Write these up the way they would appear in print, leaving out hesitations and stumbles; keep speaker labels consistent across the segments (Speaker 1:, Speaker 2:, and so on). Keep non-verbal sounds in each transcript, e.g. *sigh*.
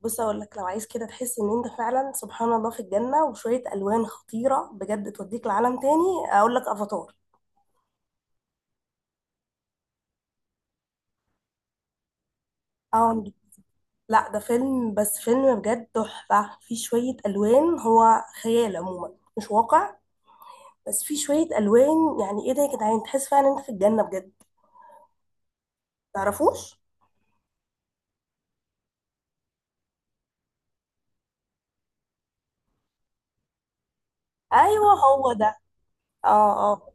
Speaker 1: بص اقول لك، لو عايز كده تحس ان انت فعلا سبحان الله في الجنه وشويه الوان خطيره بجد توديك لعالم تاني، اقول لك افاتار. اه، لا ده فيلم، بس فيلم بجد تحفه، فيه شويه الوان، هو خيال عموما مش واقع. بس فيه شويه الوان، يعني ايه ده يا جدعان، تحس فعلا انت في الجنه بجد. تعرفوش؟ ايوه هو ده. اه اه.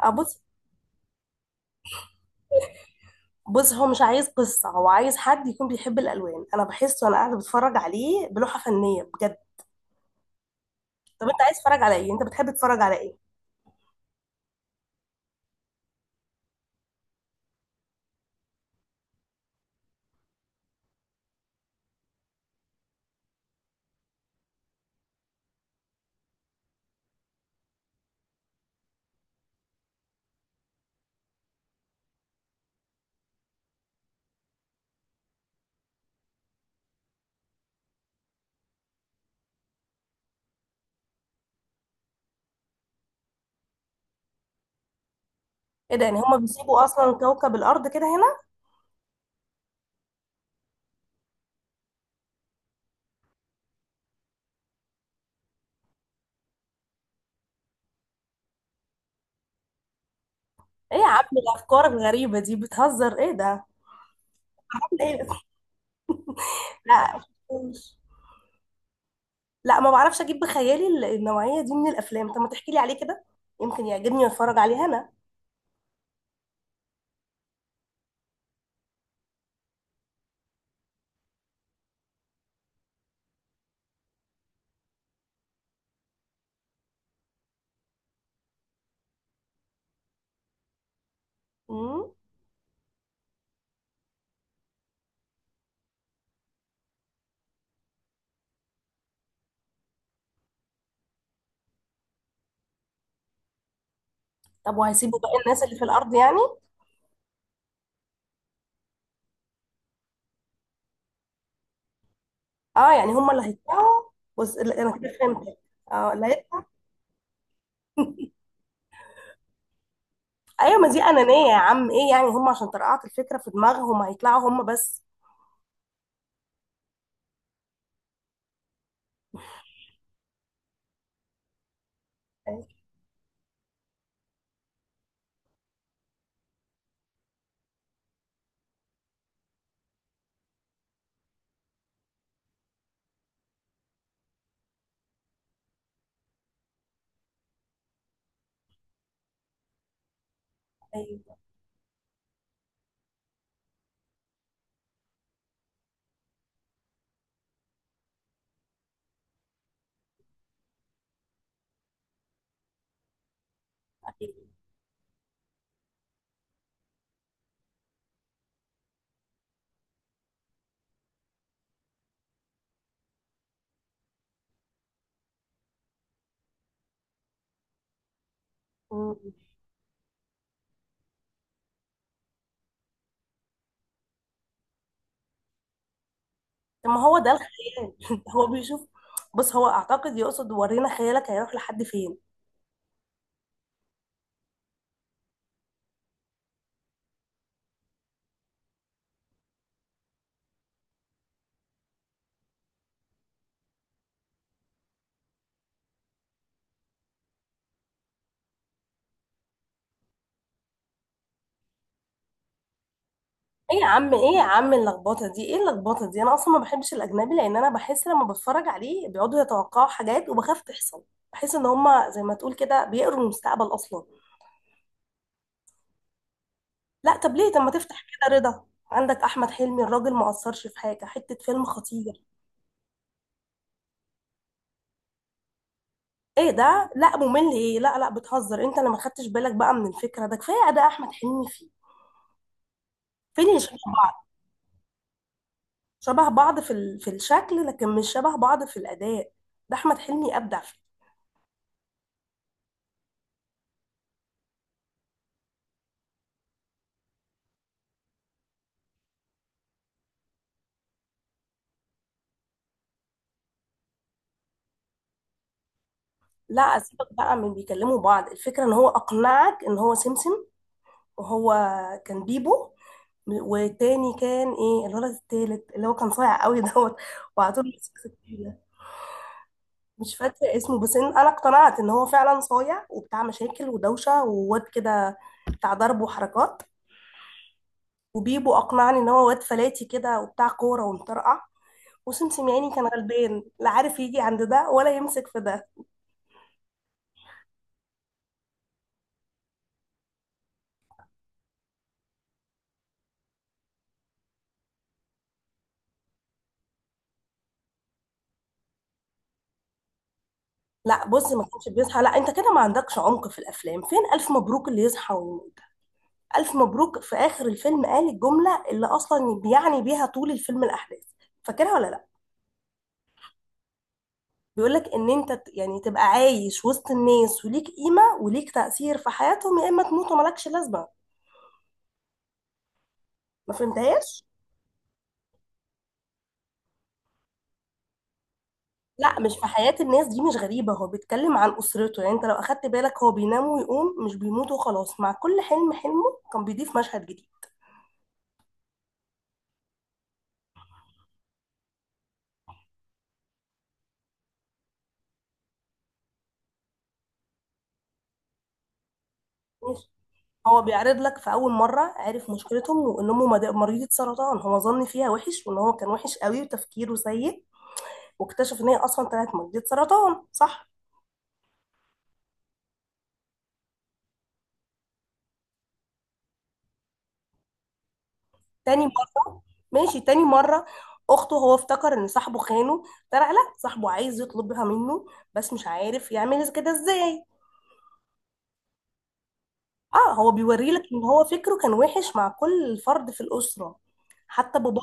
Speaker 1: آه، بص. بص هو مش عايز قصه، هو عايز حد يكون بيحب الالوان، انا بحسه وانا قاعده بتفرج عليه بلوحه فنيه بجد. طب انت عايز تتفرج على ايه؟ انت بتحب تتفرج على ايه؟ ايه ده؟ يعني هما بيسيبوا اصلا كوكب الارض كده هنا؟ ايه يا عم الافكار الغريبه دي، بتهزر؟ ايه ده؟ عامل ايه؟ لا مشفتوش. لا ما بعرفش اجيب بخيالي النوعيه دي من الافلام. طب ما تحكي لي عليه كده، يمكن يعجبني واتفرج عليه انا. امم. طب وهيسيبوا بقى الناس اللي في الارض يعني؟ اه يعني هما اللي هيدفعوا؟ بص لا، انا كده فهمت. اه لا ايوه ما دي انانيه يا عم، ايه يعني هما عشان طرقعت الفكره في دماغهم هيطلعوا هما بس؟ ايوه. ايوه. أيوة. مم. طب ما هو ده الخيال *laughs* هو بيشوف. بص هو اعتقد يقصد ورينا خيالك هيروح لحد فين. ايه يا عم، ايه يا عم اللخبطه دي، ايه اللخبطه دي؟ انا اصلا ما بحبش الاجنبي، لان انا بحس لما بتفرج عليه بيقعدوا يتوقعوا حاجات وبخاف تحصل. بحس ان هما زي ما تقول كده بيقروا المستقبل اصلا. لا طب ليه، طب ما تفتح كده رضا. عندك احمد حلمي الراجل ما قصرش في حاجه، حته فيلم خطير. ايه ده؟ لا ممل ايه؟ لا لا بتهزر، انت اللي ما خدتش بالك بقى من الفكره. ده كفايه اداء احمد حلمي فيه. فين اللي شبه بعض؟ شبه بعض في في الشكل، لكن مش شبه بعض في الاداء. ده احمد حلمي ابدع فيه. لا اسيبك بقى من بيكلموا بعض، الفكره ان هو اقنعك ان هو سمسم. وهو كان بيبو، والتاني كان ايه الولد التالت اللي هو كان صايع قوي دوت، وعلى طول بيسكت كده. مش فاكره اسمه، بس إن انا اقتنعت ان هو فعلا صايع وبتاع مشاكل ودوشه وواد كده، بتاع ضرب وحركات. وبيبو اقنعني ان هو واد فلاتي كده وبتاع كوره ومطرقع. وسم سمياني كان غلبان، لا عارف يجي عند ده ولا يمسك في ده. لا بص ما كانش بيصحى، لا انت كده ما عندكش عمق في الافلام، فين الف مبروك اللي يصحى ويموت؟ الف مبروك في اخر الفيلم قال الجمله اللي اصلا بيعني بيها طول الفيلم الاحداث، فاكرها ولا لا؟ بيقول لك ان انت يعني تبقى عايش وسط الناس وليك قيمه وليك تاثير في حياتهم، يا اما تموت ومالكش لازمه. ما فهمتهاش؟ لا مش في حياة الناس، دي مش غريبة، هو بيتكلم عن أسرته. يعني أنت لو أخدت بالك هو بينام ويقوم مش بيموت وخلاص، مع كل حلم حلمه كان بيضيف مشهد جديد. ماشي. هو بيعرض لك في أول مرة عرف مشكلتهم، وإن أمه مريضة سرطان، هو ظن فيها وحش وإن هو كان وحش قوي وتفكيره سيء، واكتشف إن هي أصلا طلعت مريضة سرطان، صح؟ تاني مرة. ماشي تاني مرة، أخته هو افتكر إن صاحبه خانه، طلع لا صاحبه عايز يطلبها منه بس مش عارف يعمل كده إزاي. اه هو بيوريلك ان هو فكره كان وحش مع كل فرد في الاسره، حتى باباه.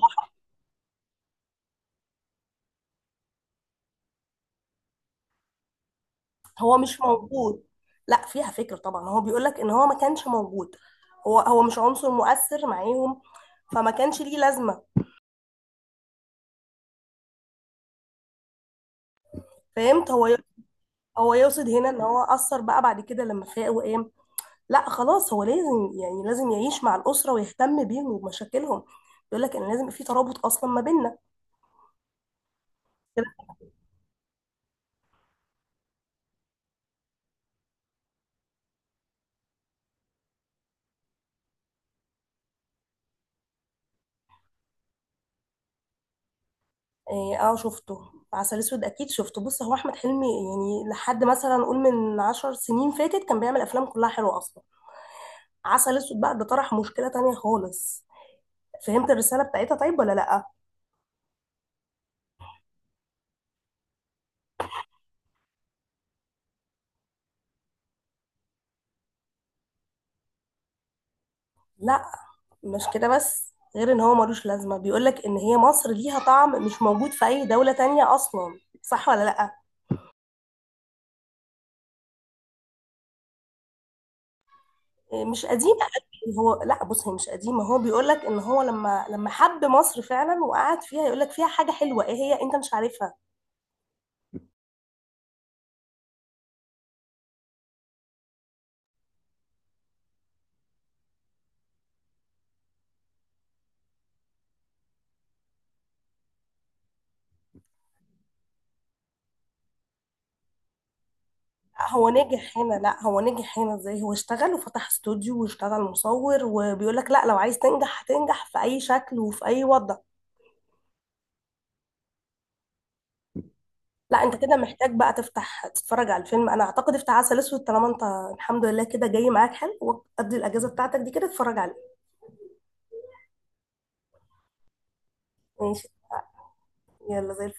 Speaker 1: هو مش موجود. لا فيها فكر طبعا، هو بيقولك ان هو ما كانش موجود، هو مش عنصر مؤثر معاهم، فما كانش ليه لازمه. فهمت. هو يقصد هنا ان هو اثر بقى بعد كده لما فاق وقام. لا خلاص هو لازم، يعني لازم يعيش مع الاسره ويهتم بيهم وبمشاكلهم، بيقولك ان لازم يبقى في ترابط اصلا ما بيننا. اه. آه، شفته. عسل اسود اكيد شفته. بص هو احمد حلمي يعني لحد مثلا نقول من 10 سنين فاتت كان بيعمل افلام كلها حلوه اصلا. عسل اسود بقى ده طرح مشكله تانية خالص، فهمت الرساله بتاعتها طيب ولا لا؟ لا مش كده بس، غير ان هو ملوش لازمه، بيقولك ان هي مصر ليها طعم مش موجود في اي دوله تانية اصلا، صح ولا لا؟ إيه، مش قديمه قوي. هو لا بص هي مش قديمه، هو بيقولك ان هو لما حب مصر فعلا وقعد فيها يقولك فيها حاجه حلوه ايه هي انت مش عارفها. هو نجح هنا، لا هو نجح هنا ازاي؟ هو اشتغل وفتح استوديو واشتغل مصور، وبيقول لك لا لو عايز تنجح هتنجح في اي شكل وفي اي وضع. لا انت كده محتاج بقى تفتح تتفرج على الفيلم، انا اعتقد افتح عسل اسود طالما انت الحمد لله كده جاي معاك حلو، وقضي الاجازه بتاعتك دي كده اتفرج عليه. ماشي. يلا زي